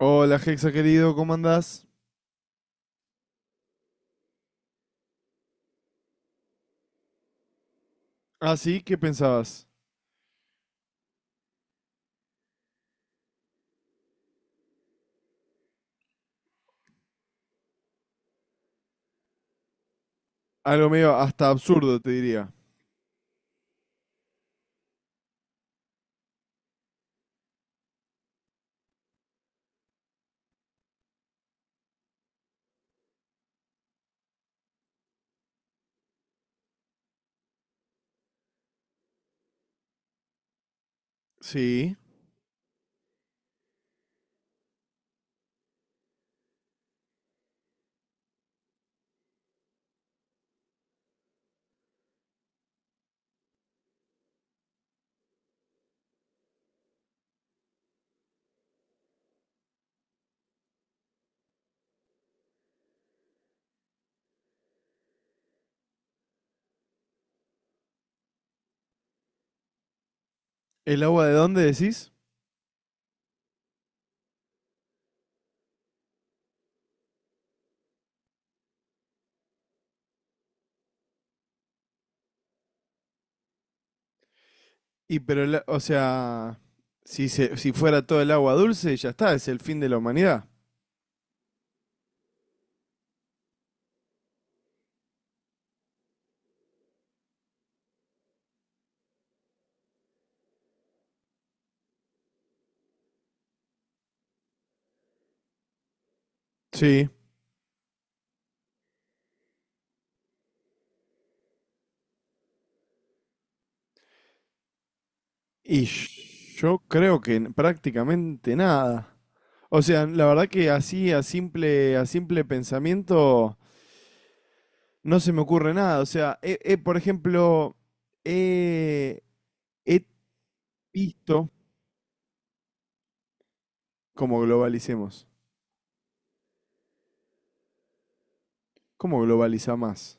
Hola, Hexa querido, ¿cómo andás? Ah, sí, ¿qué pensabas? Algo medio hasta absurdo, te diría. Sí. ¿El agua de dónde decís? Y pero, o sea, si fuera todo el agua dulce, ya está, es el fin de la humanidad. Sí. Y yo creo que prácticamente nada. O sea, la verdad que así a simple pensamiento no se me ocurre nada. O sea, por ejemplo, he, he visto, como globalicemos. ¿Cómo globaliza más?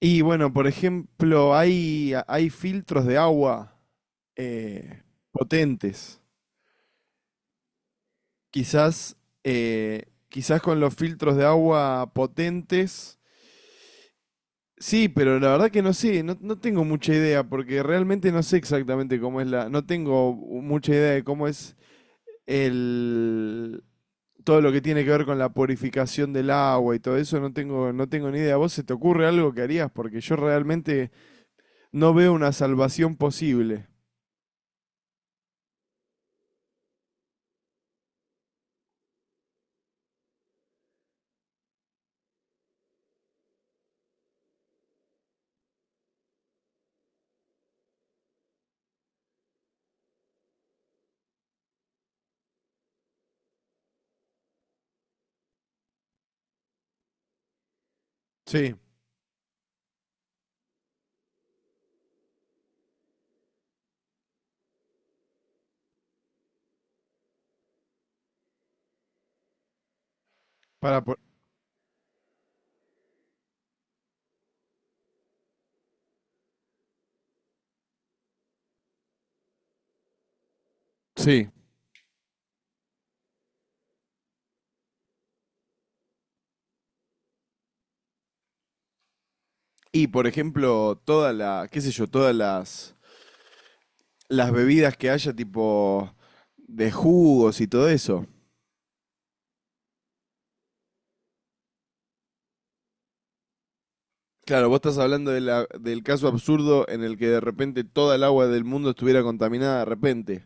Y bueno, por ejemplo, hay filtros de agua eh, potentes. Quizás, quizás con los filtros de agua potentes. Sí, pero la verdad que no sé, no tengo mucha idea, porque realmente no sé exactamente cómo es la. No tengo mucha idea de cómo es el. Todo lo que tiene que ver con la purificación del agua y todo eso, no tengo ni idea. ¿Vos se te ocurre algo que harías? Porque yo realmente no veo una salvación posible. Sí, para po- sí. Y por ejemplo, qué sé yo, las bebidas que haya, tipo de jugos y todo eso. Claro, vos estás hablando de del caso absurdo en el que de repente toda el agua del mundo estuviera contaminada de repente.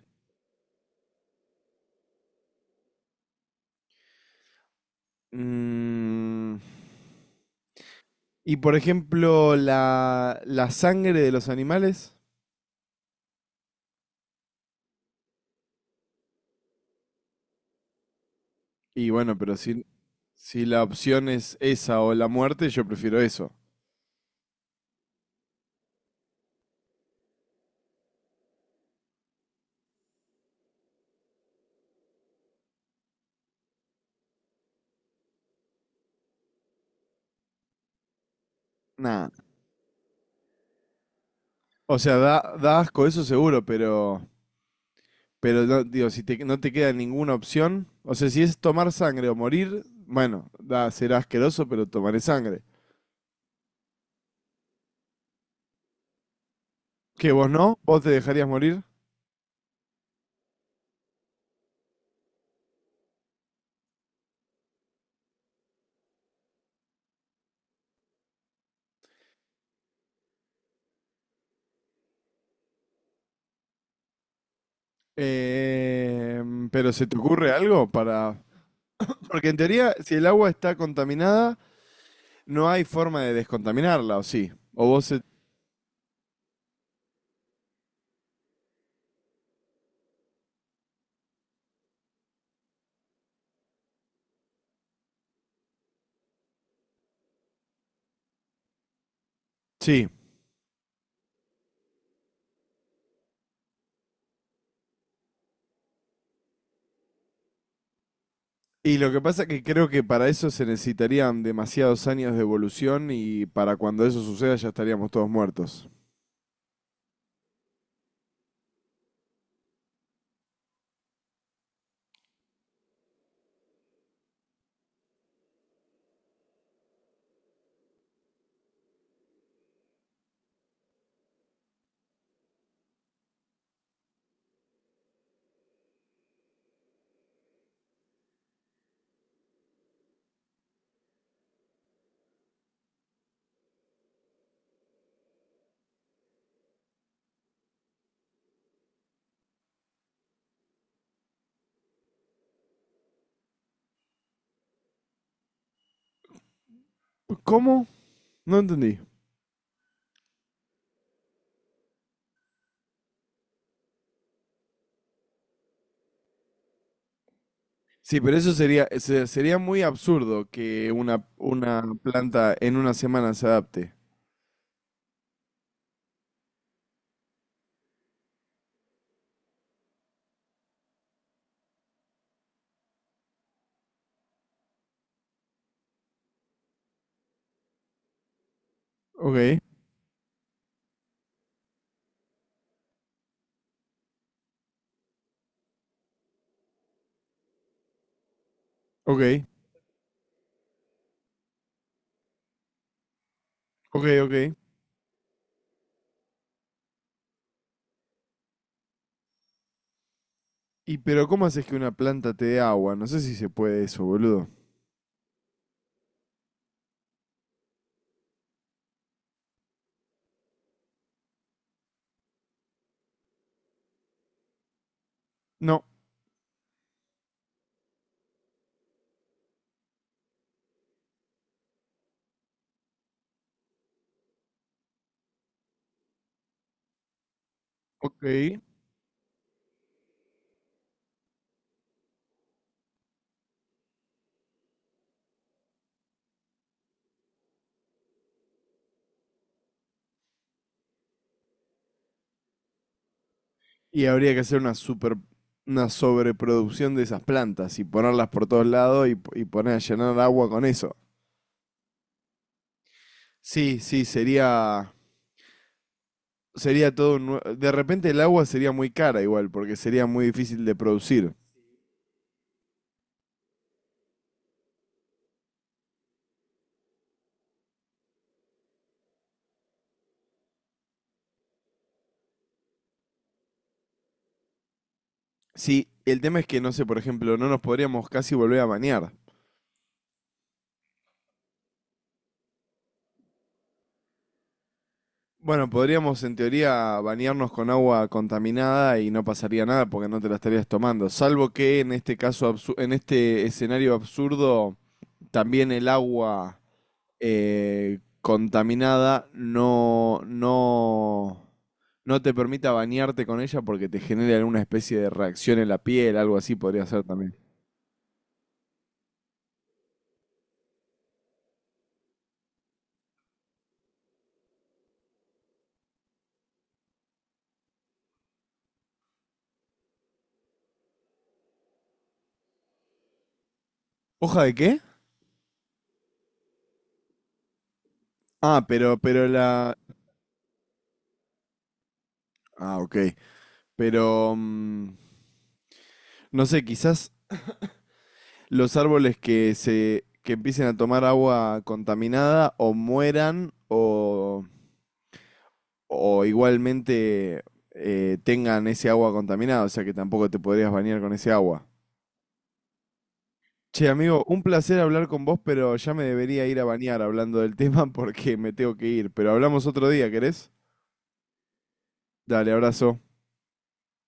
Mm. Y por ejemplo, la sangre de los animales. Y bueno, pero si, si la opción es esa o la muerte, yo prefiero eso. Nada. O sea, da asco, eso seguro, pero no, digo, no te queda ninguna opción, o sea, si es tomar sangre o morir, bueno, da, será asqueroso, pero tomaré sangre. ¿Qué, vos no? ¿Vos te dejarías morir? Eh, pero ¿se te ocurre algo para...? Porque en teoría, si el agua está contaminada, no hay forma de descontaminarla, ¿o sí? Sí. Y lo que pasa es que creo que para eso se necesitarían demasiados años de evolución y para cuando eso suceda ya estaríamos todos muertos. ¿Cómo? No entendí. Sí, pero eso sería, sería muy absurdo que una planta en una semana se adapte. Ok, ok, ok, ok. Y pero ¿cómo haces que una planta te dé agua? No sé si se puede eso, boludo. No, ok. Y habría que hacer una super, una sobreproducción de esas plantas y ponerlas por todos lados y, y poner a llenar agua con eso. Sí, sí, sería todo un de repente el agua sería muy cara igual, porque sería muy difícil de producir. Sí, el tema es que, no sé, por ejemplo, no nos podríamos casi volver a bañar. Bueno, podríamos en teoría bañarnos con agua contaminada y no pasaría nada porque no te la estarías tomando. Salvo que en este caso, en este escenario absurdo, también el agua contaminada no te permita bañarte con ella porque te genere alguna especie de reacción en la piel, algo así podría ser también. ¿Hoja de qué? Ah, pero, ah, ok. Pero, mm, no sé, quizás los árboles que empiecen a tomar agua contaminada o mueran o igualmente tengan ese agua contaminada, o sea que tampoco te podrías bañar con ese agua. Che, amigo, un placer hablar con vos, pero ya me debería ir a bañar hablando del tema porque me tengo que ir. Pero hablamos otro día, ¿querés? Dale, abrazo.